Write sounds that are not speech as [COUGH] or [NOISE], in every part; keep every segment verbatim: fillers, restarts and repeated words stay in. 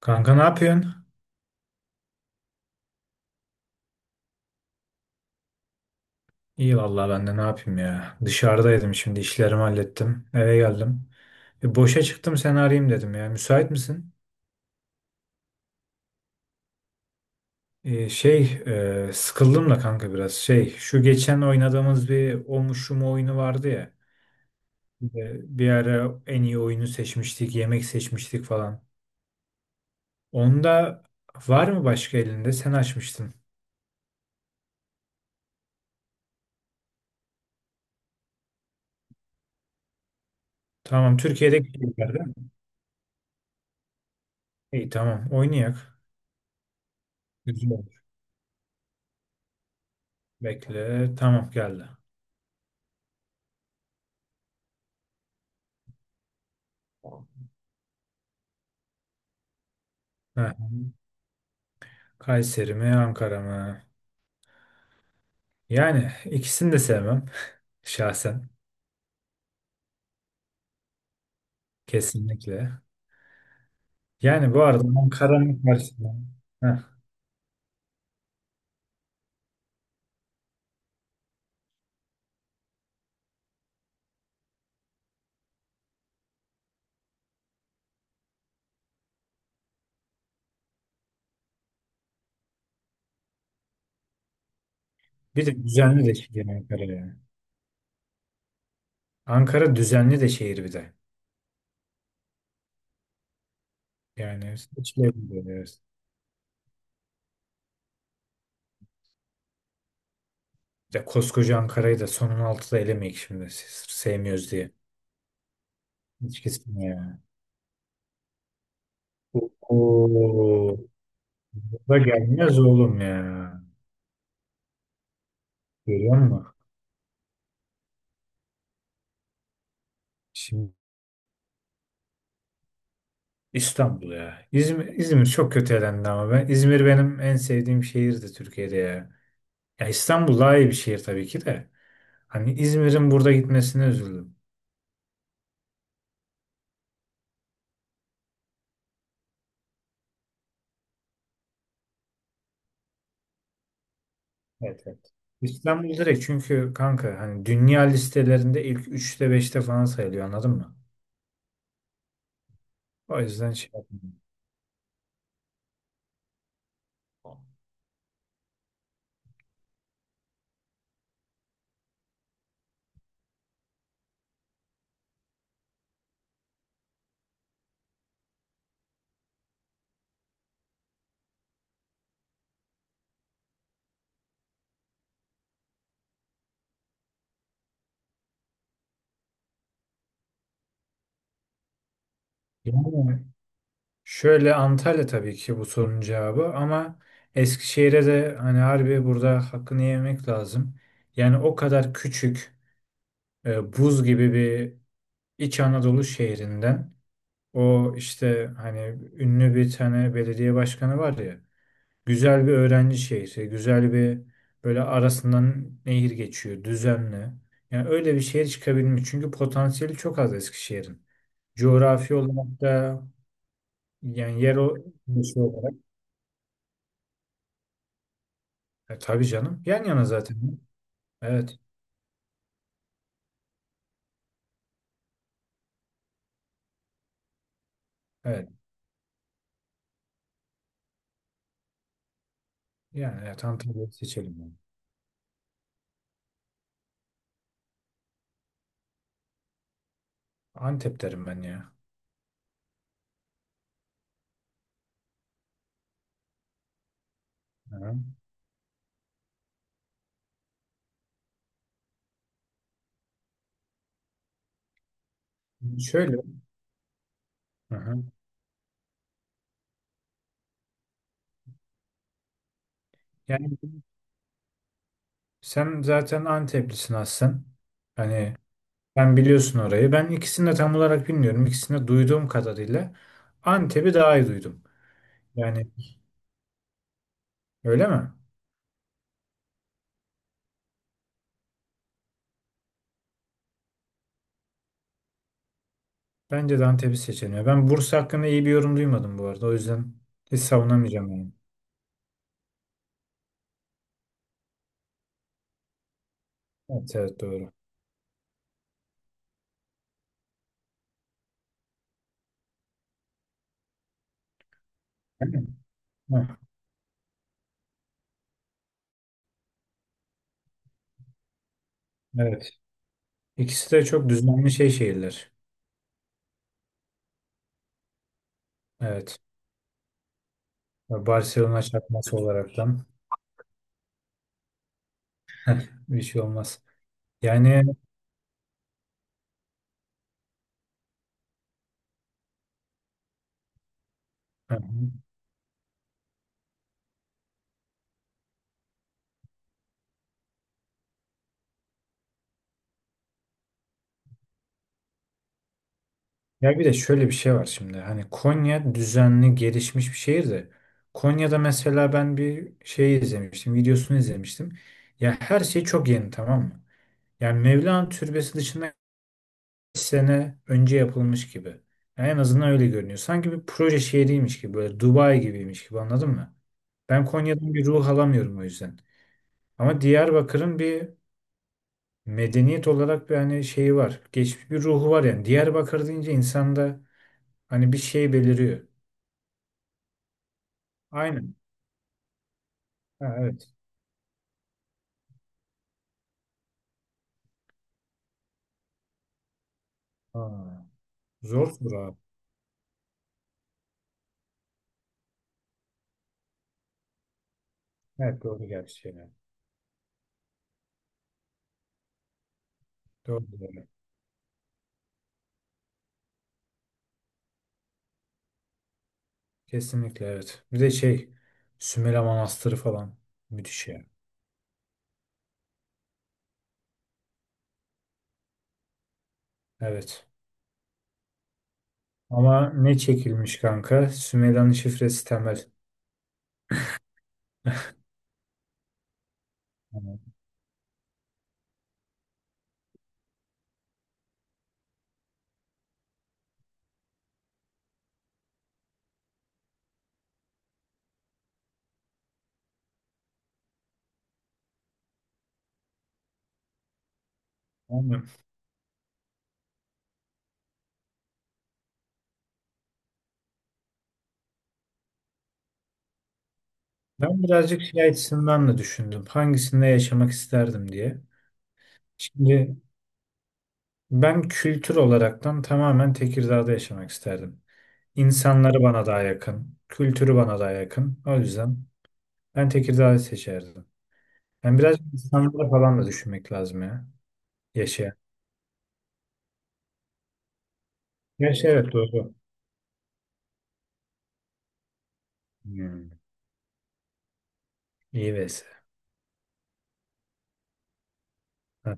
Kanka ne yapıyorsun? İyi vallahi ben de ne yapayım ya. Dışarıdaydım, şimdi işlerimi hallettim. Eve geldim. E, boşa çıktım, seni arayayım dedim ya. Müsait misin? E, şey e, Sıkıldım da kanka biraz. Şey şu geçen oynadığımız bir o mu şu mu oyunu vardı ya. E, bir ara en iyi oyunu seçmiştik. Yemek seçmiştik falan. Onda var mı başka elinde? Sen açmıştın. Tamam, Türkiye'deki şeyler değil mi? İyi, tamam, oynayak. Güzel, olur. Bekle, tamam, geldi. Heh. Kayseri mi, Ankara mı? Yani ikisini de sevmem şahsen. Kesinlikle. Yani bu arada Ankara'nın karşısında. Heh, bir de düzenli de şehir Ankara yani. Ankara düzenli de şehir bir de. Yani seçilebilir, evet. Ya koskoca Ankara'yı da sonun altıda elemeyik şimdi. Sırf sevmiyoruz diye. Hiç kesin ya. Oo, bu da gelmez oğlum ya. Görüyor musun? Şimdi İstanbul ya. İzmir İzmir çok kötü elendi ama ben İzmir benim en sevdiğim şehirdi Türkiye'de ya. Ya İstanbul daha iyi bir şehir tabii ki de. Hani İzmir'in burada gitmesine üzüldüm. Evet, evet. İstanbul direkt çünkü kanka hani dünya listelerinde ilk üçte beşte falan sayılıyor, anladın mı? O yüzden şey yapmadım. Yani şöyle, Antalya tabii ki bu sorunun cevabı ama Eskişehir'e de hani harbi burada hakkını yemek lazım. Yani o kadar küçük, e, buz gibi bir İç Anadolu şehrinden o işte hani ünlü bir tane belediye başkanı var ya, güzel bir öğrenci şehri, güzel bir, böyle arasından nehir geçiyor düzenli. Yani öyle bir şehir çıkabilmiş çünkü potansiyeli çok az Eskişehir'in. Coğrafi olarak da yani yer o şey olarak e, tabii canım, yan yana zaten. Evet. Evet. Yani evet, Antalya'yı seçelim yani. Antep derim ben ya. Hı. Şöyle. Hı hı. Yani, sen zaten Anteplisin aslen. Hani ben biliyorsun orayı. Ben ikisini de tam olarak bilmiyorum. İkisini de duyduğum kadarıyla Antep'i daha iyi duydum. Yani öyle mi? Bence de Antep'i seçeniyor. Ben Bursa hakkında iyi bir yorum duymadım bu arada. O yüzden hiç savunamayacağım yani. Evet, evet, doğru. Değil mi? Heh, evet. İkisi de çok düzenli şey şehirler. Evet. Barcelona çakması olaraktan [LAUGHS] bir şey olmaz. Yani. Hı hı. Ya bir de şöyle bir şey var şimdi. Hani Konya düzenli gelişmiş bir şehir de Konya'da mesela ben bir şey izlemiştim, videosunu izlemiştim. Ya her şey çok yeni, tamam mı? Yani Mevlana Türbesi dışında kaç sene önce yapılmış gibi. Yani en azından öyle görünüyor. Sanki bir proje şehriymiş gibi, böyle Dubai gibiymiş gibi, anladın mı? Ben Konya'dan bir ruh alamıyorum o yüzden. Ama Diyarbakır'ın bir medeniyet olarak bir hani şeyi var. Geçmiş bir ruhu var yani. Diyarbakır deyince insanda hani bir şey beliriyor. Aynen. Ha, evet. Ha, zor soru abi. Evet, doğru gerçi yani. Doğru, doğru. Kesinlikle, evet. Bir de şey, Sümele Manastırı falan. Müthiş ya. Evet. Ama ne çekilmiş kanka? Sümela'nın Şifresi Temel. Evet. Aynen. Ben birazcık şey açısından da düşündüm. Hangisinde yaşamak isterdim diye. Şimdi ben kültür olaraktan tamamen Tekirdağ'da yaşamak isterdim. İnsanları bana daha yakın. Kültürü bana daha yakın. O yüzden ben Tekirdağ'ı seçerdim. Yani biraz insanlara falan da düşünmek lazım ya. Yaşayan. Gerçi evet, doğru. Hmm. İyi versus. Ha,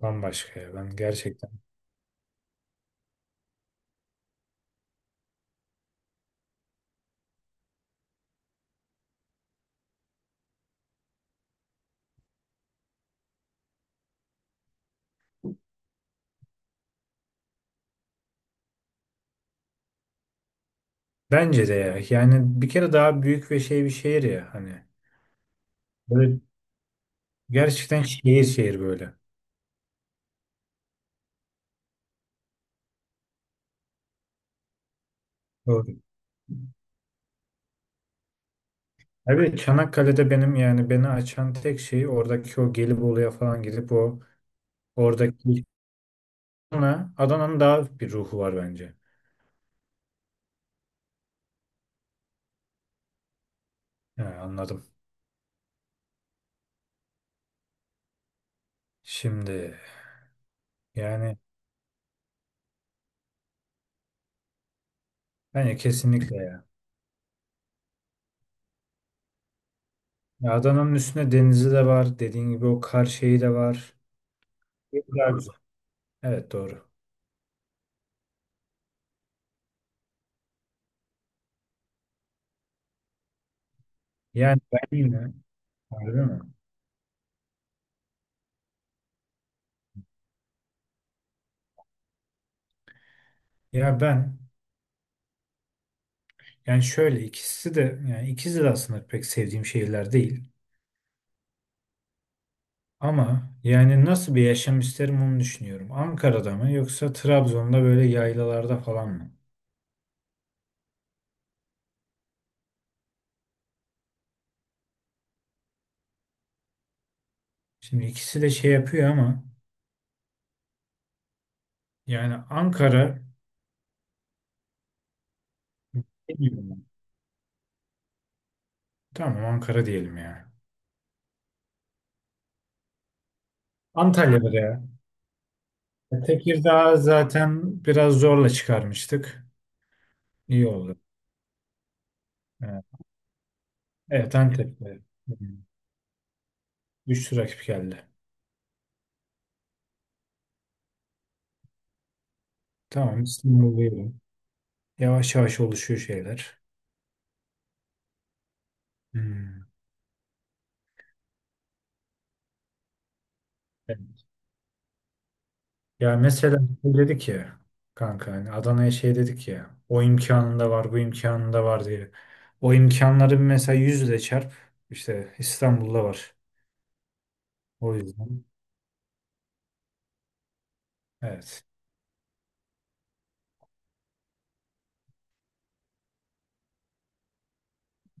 bambaşka ya ben gerçekten. Bence de ya. Yani bir kere daha büyük ve şey bir şehir ya hani. Böyle gerçekten şehir şehir böyle. Doğru. Abi Çanakkale'de benim yani beni açan tek şey oradaki o Gelibolu'ya falan gidip o oradaki Adana- Adana'nın daha bir ruhu var bence. He, anladım. Şimdi yani bence kesinlikle ya. Ya Adana'nın üstünde denizi de var. Dediğin gibi o kar şeyi de var. Güzel, güzel. Evet, doğru. Yani ben yine, harbi mi? Ya ben yani şöyle, ikisi de yani ikisi de aslında pek sevdiğim şehirler değil. Ama yani nasıl bir yaşam isterim onu düşünüyorum. Ankara'da mı yoksa Trabzon'da böyle yaylalarda falan mı? Şimdi ikisi de şey yapıyor ama yani Ankara, bilmiyorum. Tamam Ankara diyelim ya. Antalya'da ya. E, Tekirdağ zaten biraz zorla çıkarmıştık. İyi oldu. Evet, evet, Antep'te. Hmm. Güçlü rakip geldi. Tamam İstanbul'dayım. Yavaş yavaş oluşuyor şeyler. Hmm. Evet. Ya mesela şey dedik ya kanka hani Adana'ya şey dedik ya, o imkanında var bu imkanında var diye. O imkanları bir mesela yüzle çarp, işte İstanbul'da var. O yüzden evet.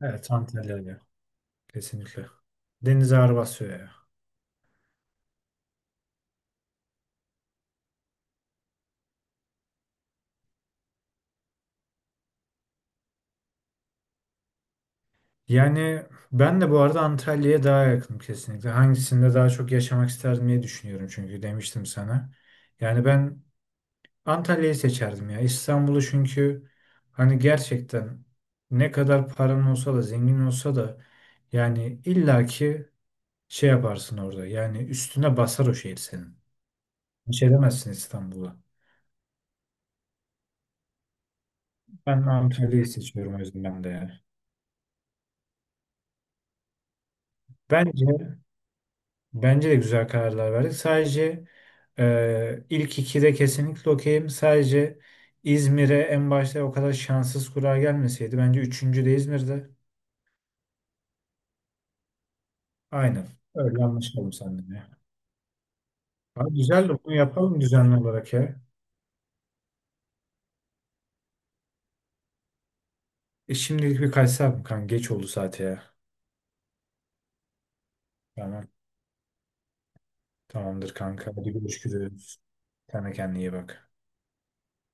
Evet, Antalya'ya kesinlikle. Deniz ağır basıyor ya. Yani ben de bu arada Antalya'ya daha yakınım kesinlikle. Hangisinde daha çok yaşamak isterdim diye düşünüyorum çünkü demiştim sana. Yani ben Antalya'yı seçerdim ya. İstanbul'u çünkü hani gerçekten ne kadar paran olsa da, zengin olsa da yani illaki şey yaparsın orada. Yani üstüne basar o şehir senin. Hiç edemezsin İstanbul'a. Ben Antalya'yı seçiyorum o yüzden ben de yani. Bence, bence de güzel kararlar verdik. Sadece e, ilk ikide kesinlikle okeyim. Sadece İzmir'e en başta o kadar şanssız kura gelmeseydi. Bence üçüncü de İzmir'de. Aynen. Öyle anlaşalım seninle. Abi güzel, de bunu yapalım düzenli olarak ya. E şimdilik bir kaçsam kanka. Geç oldu saate ya. Tamam. Tamamdır kanka. Hadi görüşürüz. Sen de kendine iyi bak.